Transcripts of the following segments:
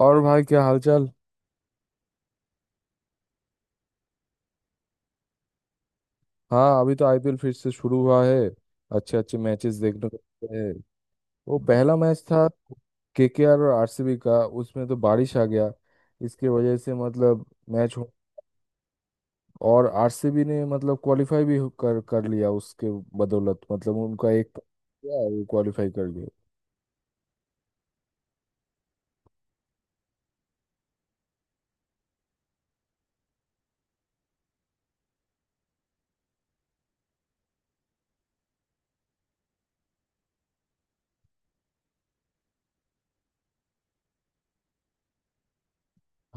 और भाई क्या हालचाल। हाँ, अभी तो आईपीएल फिर से शुरू हुआ है। अच्छे अच्छे मैचेस देखने को मिलते हैं। वो पहला मैच था केकेआर और आरसीबी का, उसमें तो बारिश आ गया। इसके वजह से मतलब मैच हो और आरसीबी ने मतलब क्वालिफाई भी कर कर लिया उसके बदौलत, मतलब उनका एक गया वो क्वालिफाई कर गए।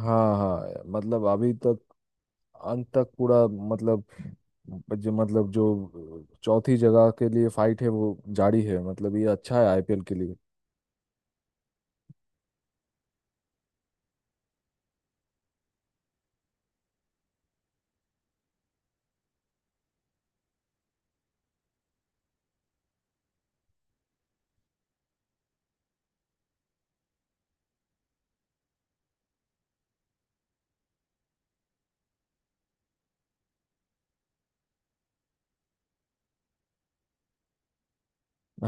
हाँ हाँ, मतलब अभी तक अंत तक पूरा मतलब जो चौथी जगह के लिए फाइट है वो जारी है, मतलब ये अच्छा है आईपीएल के लिए।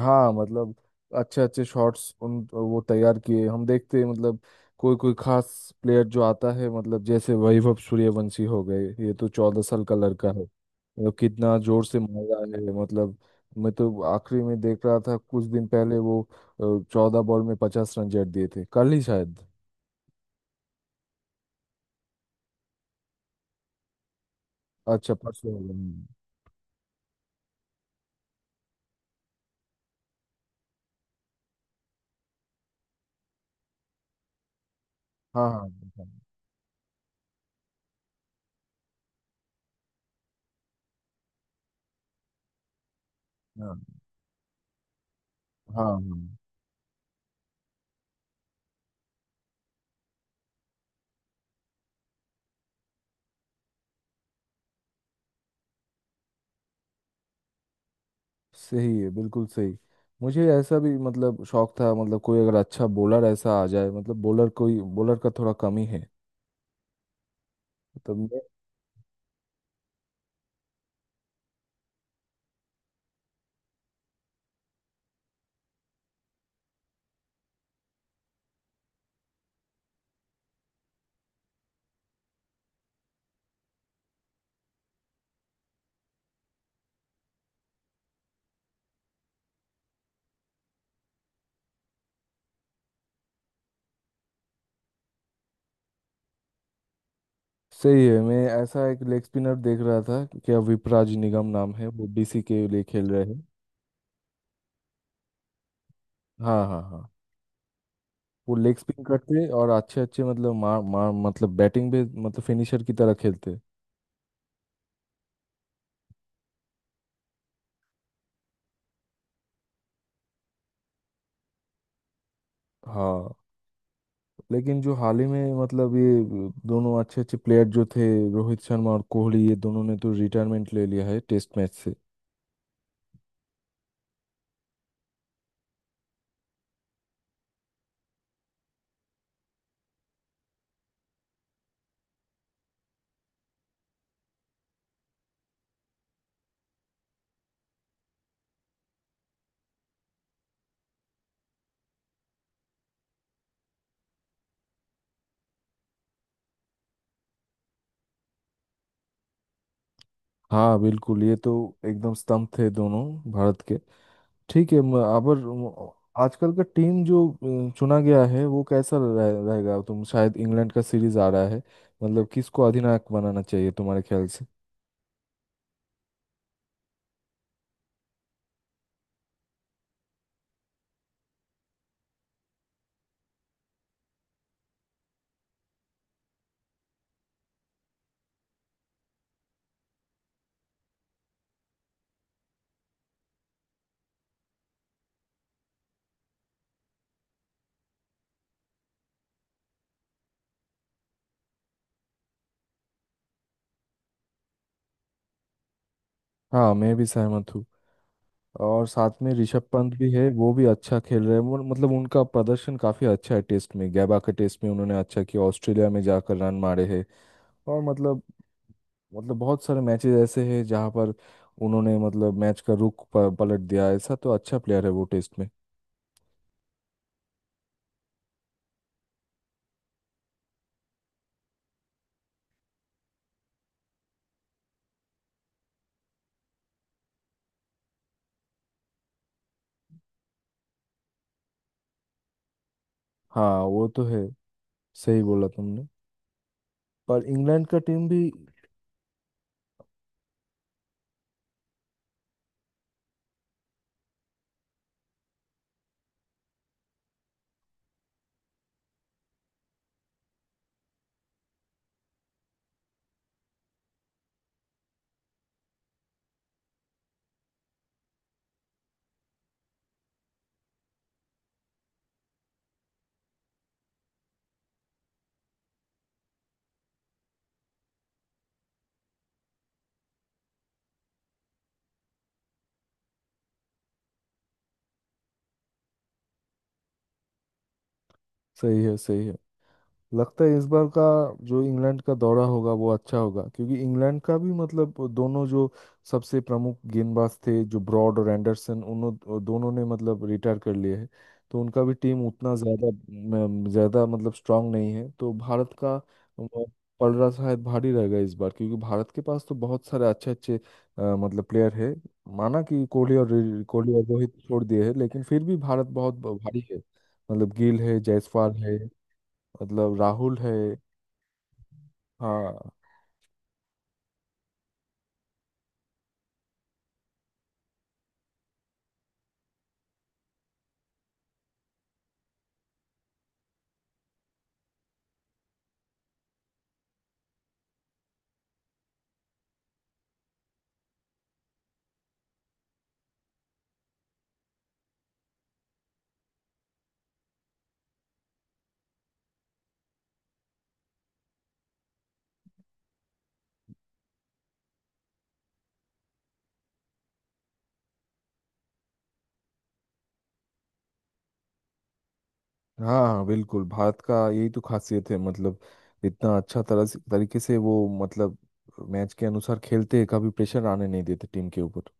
हाँ, मतलब अच्छे अच्छे शॉट्स उन वो तैयार किए, हम देखते हैं मतलब कोई कोई खास प्लेयर जो आता है, मतलब जैसे वैभव सूर्यवंशी हो गए। ये तो 14 साल का लड़का है, मतलब कितना जोर से मार रहा है। मतलब मैं तो आखिरी में देख रहा था, कुछ दिन पहले वो 14 बॉल में 50 रन जड़ दिए थे, कल ही शायद। अच्छा, परसों हो गए। हाँ हाँ हाँ हाँ हाँ हाँ। सही है, बिल्कुल सही। मुझे ऐसा भी मतलब शौक था, मतलब कोई अगर अच्छा बॉलर ऐसा आ जाए, मतलब बॉलर कोई बॉलर का थोड़ा कमी है तो मैं। सही है। मैं ऐसा एक लेग स्पिनर देख रहा था कि क्या विपराज निगम नाम है, वो डीसी के लिए खेल रहे हैं। हाँ हाँ हाँ। वो लेग स्पिन करते और अच्छे अच्छे मतलब मार मार मतलब बैटिंग भी मतलब फिनिशर की तरह खेलते। हाँ, लेकिन जो हाल ही में मतलब ये दोनों अच्छे अच्छे प्लेयर जो थे, रोहित शर्मा और कोहली, ये दोनों ने तो रिटायरमेंट ले लिया है टेस्ट मैच से। हाँ बिल्कुल, ये तो एकदम स्तंभ थे दोनों भारत के। ठीक है, अबर आजकल का टीम जो चुना गया है वो कैसा रहेगा, तुम शायद इंग्लैंड का सीरीज आ रहा है, मतलब किसको अधिनायक बनाना चाहिए तुम्हारे ख्याल से। हाँ, मैं भी सहमत हूँ। और साथ में ऋषभ पंत भी है, वो भी अच्छा खेल रहे हैं। मतलब उनका प्रदर्शन काफी अच्छा है टेस्ट में, गैबा के टेस्ट में उन्होंने अच्छा किया, ऑस्ट्रेलिया में जाकर रन मारे हैं। और मतलब बहुत सारे मैचेस ऐसे हैं जहाँ पर उन्होंने मतलब मैच का रुख पलट दिया, ऐसा तो अच्छा प्लेयर है वो टेस्ट में। हाँ वो तो है, सही बोला तुमने। पर इंग्लैंड का टीम भी सही है, सही है। लगता है इस बार का जो इंग्लैंड का दौरा होगा वो अच्छा होगा, क्योंकि इंग्लैंड का भी मतलब दोनों जो सबसे प्रमुख गेंदबाज थे, जो ब्रॉड और एंडरसन, उन्हों दोनों ने मतलब रिटायर कर लिए हैं, तो उनका भी टीम उतना ज़्यादा ज़्यादा मतलब स्ट्रांग नहीं है, तो भारत का अ, पलड़ा शायद भारी रहेगा इस बार, क्योंकि भारत के पास तो बहुत सारे अच्छे अच्छे मतलब प्लेयर है। माना कि कोहली और कोहली और रोहित छोड़ दिए हैं, लेकिन फिर भी भारत बहुत भारी है, मतलब गिल है, जायसवाल है, मतलब राहुल है। हाँ हाँ हाँ, बिल्कुल भारत का यही तो खासियत है, मतलब इतना अच्छा तरह से तरीके से वो मतलब मैच के अनुसार खेलते हैं, कभी प्रेशर आने नहीं देते टीम के ऊपर।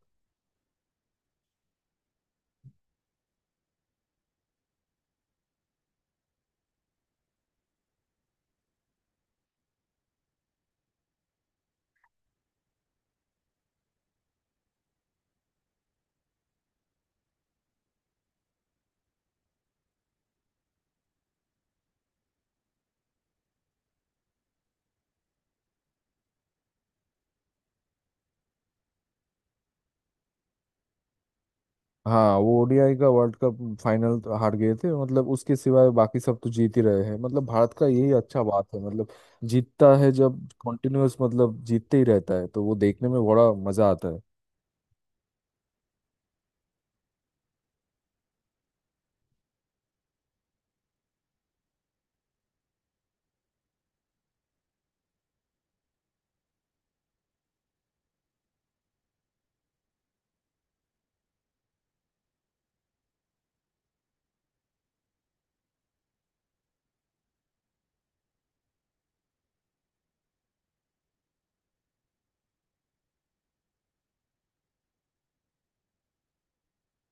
हाँ, वो ओडीआई का वर्ल्ड कप फाइनल तो हार गए थे, मतलब उसके सिवाय बाकी सब तो जीत ही रहे हैं, मतलब भारत का यही अच्छा बात है, मतलब जीतता है जब कंटिन्यूअस, मतलब जीतते ही रहता है तो वो देखने में बड़ा मजा आता है।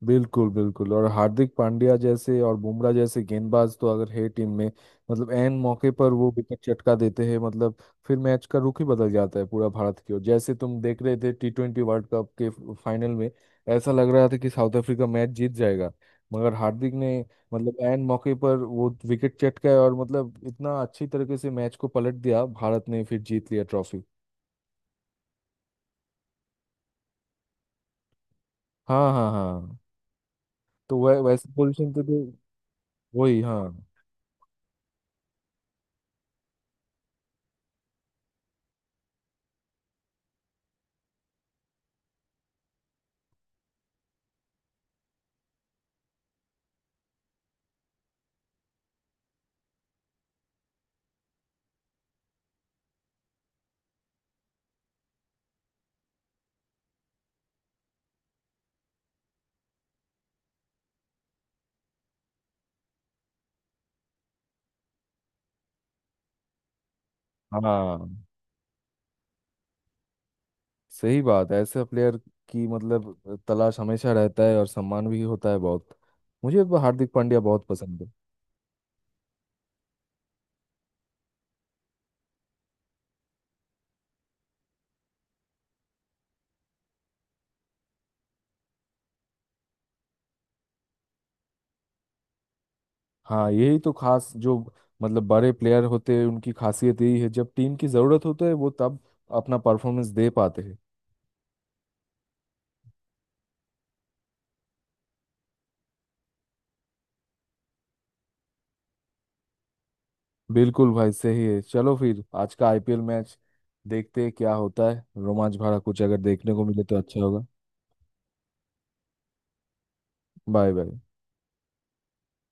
बिल्कुल बिल्कुल, और हार्दिक पांड्या जैसे और बुमराह जैसे गेंदबाज तो अगर है टीम में, मतलब एन मौके पर वो विकेट चटका देते हैं, मतलब फिर मैच का रुख ही बदल जाता है पूरा भारत की ओर, जैसे तुम देख रहे थे T20 वर्ल्ड कप के फाइनल में, ऐसा लग रहा था कि साउथ अफ्रीका मैच जीत जाएगा, मगर हार्दिक ने मतलब एन मौके पर वो विकेट चटकाया और मतलब इतना अच्छी तरीके से मैच को पलट दिया, भारत ने फिर जीत लिया ट्रॉफी। हाँ हाँ हाँ, तो वैसे पोजीशन तो, वही। हाँ हाँ, सही बात है, ऐसे प्लेयर की मतलब तलाश हमेशा रहता है और सम्मान भी होता है बहुत, मुझे तो हार्दिक पांड्या बहुत पसंद है। हाँ, यही तो खास जो मतलब बड़े प्लेयर होते हैं उनकी खासियत यही है, जब टीम की ज़रूरत होता है वो तब अपना परफॉर्मेंस दे पाते हैं। बिल्कुल भाई, सही है, चलो फिर आज का आईपीएल मैच देखते हैं, क्या होता है, रोमांच भरा कुछ अगर देखने को मिले तो अच्छा होगा। Bye bye.